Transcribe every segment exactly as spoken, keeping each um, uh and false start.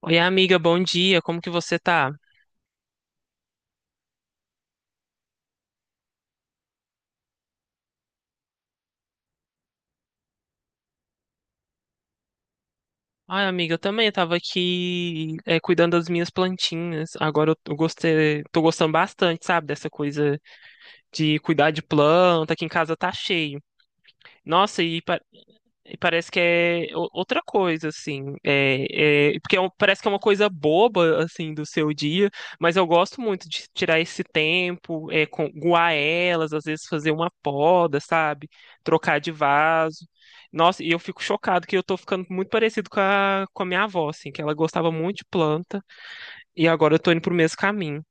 Oi, amiga, bom dia. Como que você tá? Ai, amiga, eu também tava aqui é, cuidando das minhas plantinhas. Agora eu eu gostei, tô gostando bastante, sabe, dessa coisa de cuidar de planta, que em casa tá cheio. Nossa, e pa- E parece que é o- outra coisa, assim. É, é- porque é um- parece que é uma coisa boba, assim, do seu dia, mas eu gosto muito de tirar esse tempo, é, com, guar elas, às vezes fazer uma poda, sabe? Trocar de vaso. Nossa, e eu fico chocado que eu tô ficando muito parecido com a, com a minha avó, assim, que ela gostava muito de planta, e agora eu tô indo pro mesmo caminho.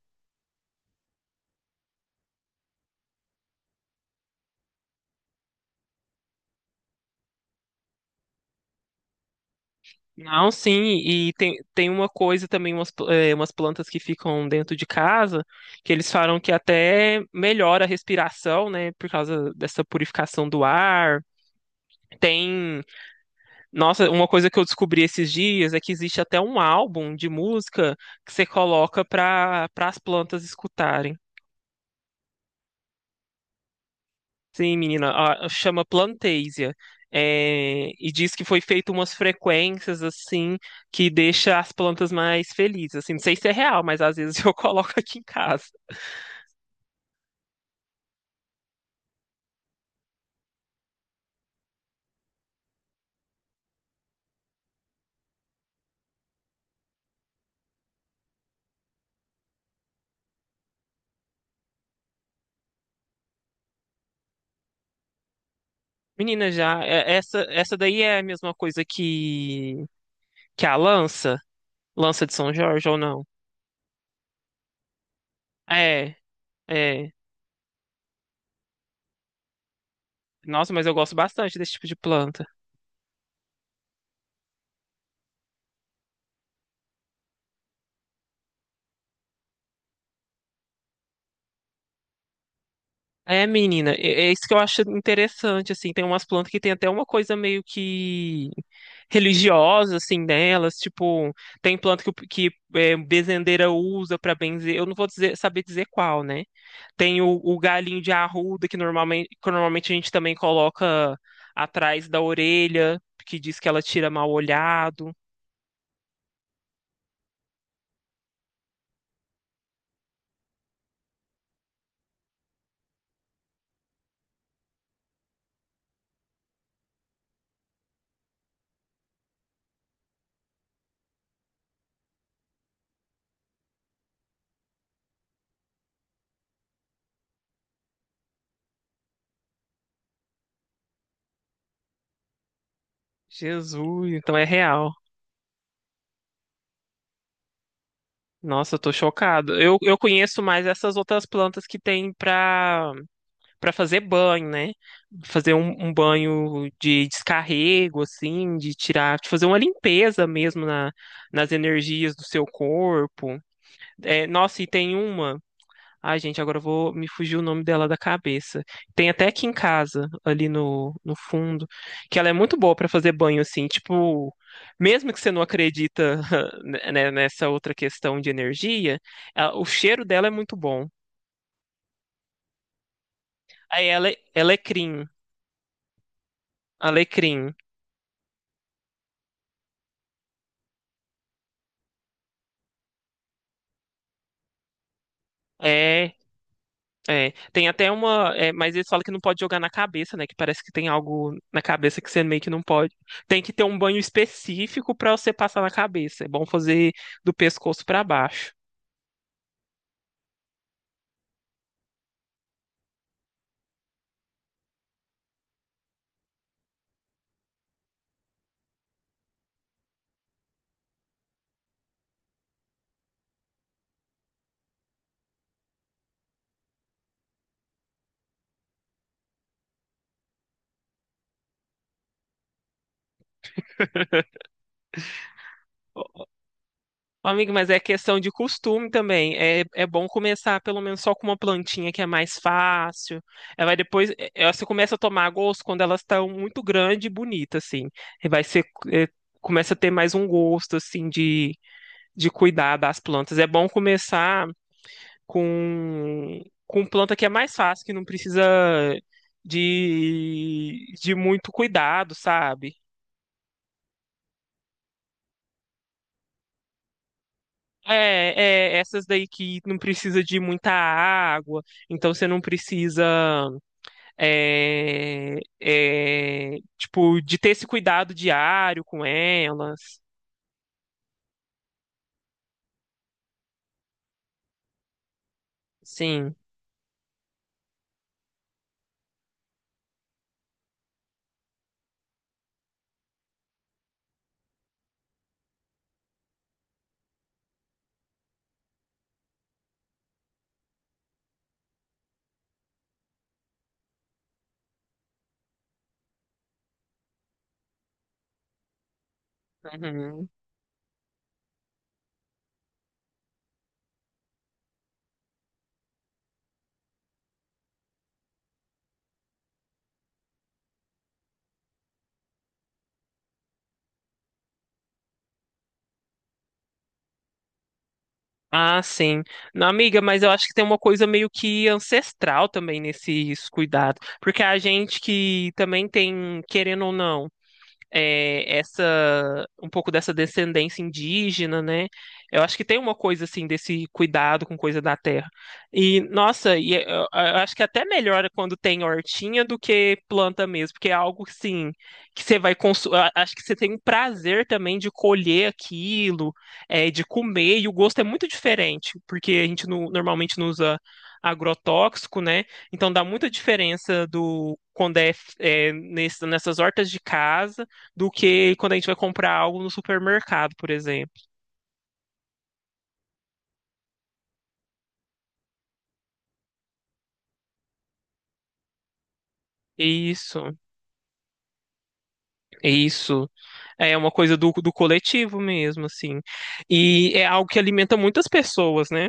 Não, sim, e tem, tem uma coisa também, umas, pl- eh, umas plantas que ficam dentro de casa, que eles falam que até melhora a respiração, né, por causa dessa purificação do ar. Tem, nossa, uma coisa que eu descobri esses dias é que existe até um álbum de música que você coloca para para as plantas escutarem. Sim, menina, a- chama Plantasia. É, e diz que foi feito umas frequências assim que deixa as plantas mais felizes. Assim, não sei se é real, mas às vezes eu coloco aqui em casa. Menina, já é- essa essa daí é a mesma coisa que que a lança, lança de São Jorge ou não? É, é. Nossa, mas eu gosto bastante desse tipo de planta. É, menina, é é isso que eu acho interessante, assim, tem umas plantas que tem até uma coisa meio que religiosa, assim, delas, tipo, tem planta que, o- que é, bezendeira usa pra benzer, eu não vou dizer, saber dizer qual, né? Tem o, o galinho de arruda, que normalmente, que normalmente a gente também coloca atrás da orelha, que diz que ela tira mal olhado. Jesus, então é real. Nossa, eu tô chocado. Eu, eu conheço mais essas outras plantas que tem pra para fazer banho, né? Fazer um, um banho de descarrego, assim, de tirar, de fazer uma limpeza mesmo na, nas energias do seu corpo. É, nossa, e tem uma. Ai, gente, agora eu vou me fugir o nome dela da cabeça. Tem até aqui em casa, ali no, no fundo, que ela é muito boa para fazer banho, assim, tipo, mesmo que você não acredita, né, nessa outra questão de energia, ela- o cheiro dela é muito bom. Aí ela, ela é alecrim, alecrim. É, é, tem até uma. É, mas eles falam que não pode jogar na cabeça, né? Que parece que tem algo na cabeça que você meio que não pode. Tem que ter um banho específico pra você passar na cabeça. É bom fazer do pescoço pra baixo. Ô, amigo, mas é questão de costume também. É, é bom começar pelo menos só com uma plantinha que é mais fácil. Ela vai depois. é, é, Você começa a tomar gosto quando elas estão muito grandes e bonitas, assim. E vai ser. é, Começa a ter mais um gosto, assim, de, de cuidar das plantas. É bom começar. Com, com planta que é mais fácil, que não precisa de, de muito cuidado, sabe? É, é, essas daí que não precisa de muita água, então você não precisa, é, é, tipo, de ter esse cuidado diário com elas. Sim. Uhum. Ah, sim. Não, amiga, mas eu acho que tem uma coisa meio que ancestral também nesses cuidados. Porque a gente que também tem, querendo ou não é, essa um pouco dessa descendência indígena, né? Eu acho que tem uma coisa assim desse cuidado com coisa da terra. E nossa, e é, eu, eu acho que até melhora quando tem hortinha do que planta mesmo, porque é algo assim que você vai consumir. Acho que você tem um prazer também de colher aquilo, é, de comer e o gosto é muito diferente, porque a gente não- normalmente não usa agrotóxico, né? Então dá muita diferença do quando é, é, nesse- nessas hortas de casa do que quando a gente vai comprar algo no supermercado, por exemplo. Isso, isso. É uma coisa do, do coletivo mesmo, assim. E é algo que alimenta muitas pessoas, né?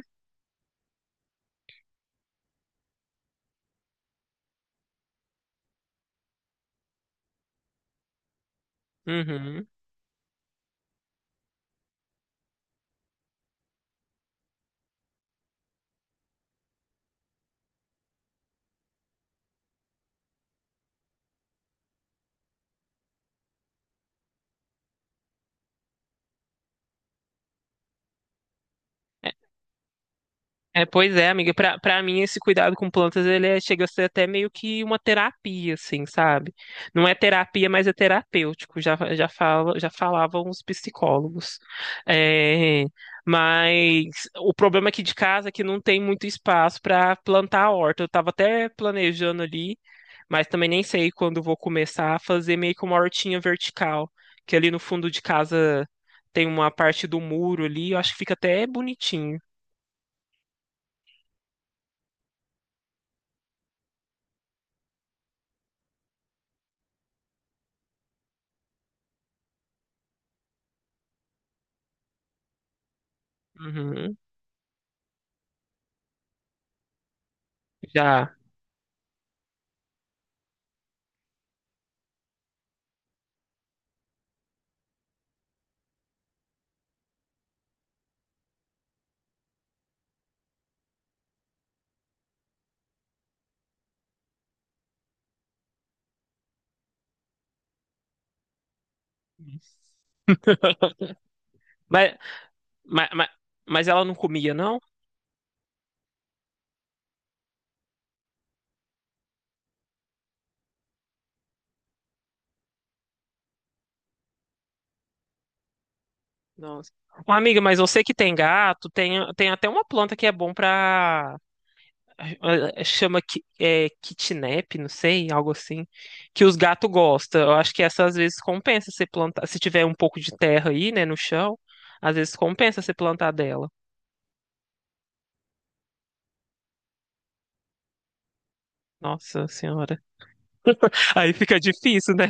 Uhum. É, pois é, amiga. Pra, pra mim, esse cuidado com plantas, ele é- chega a ser até meio que uma terapia, assim, sabe? Não é terapia, mas é terapêutico, já, já, fala, já falavam os psicólogos. É, mas o problema aqui de casa é que não tem muito espaço para plantar a horta. Eu tava até planejando ali, mas também nem sei quando vou começar a fazer meio que uma hortinha vertical, que ali no fundo de casa tem uma parte do muro ali, eu acho que fica até bonitinho. Uhum, já. Mas, mas, mas, mas ela não comia, não? Nossa. Ô, amiga, mas eu sei que tem gato, tem, tem até uma planta que é bom pra. eh, Chama ki- é, kitnap, não sei, algo assim, que os gatos gostam. Eu acho que essa às vezes compensa você plantar. Se tiver um pouco de terra aí, né, no chão, às vezes compensa você plantar dela. Nossa senhora. Aí fica difícil, né?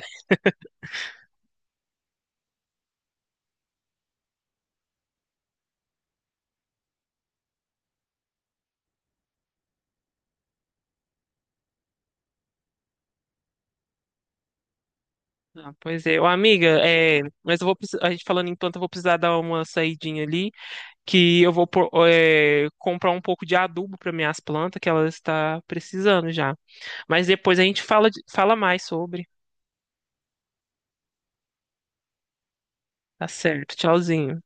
Ah, pois é, ô amiga, é, mas eu vou precis- a gente falando enquanto eu vou precisar dar uma saidinha ali, que eu vou pôr, é, comprar um pouco de adubo para minhas plantas que elas está precisando já. Mas depois a gente fala de- fala mais sobre. Tá certo, tchauzinho.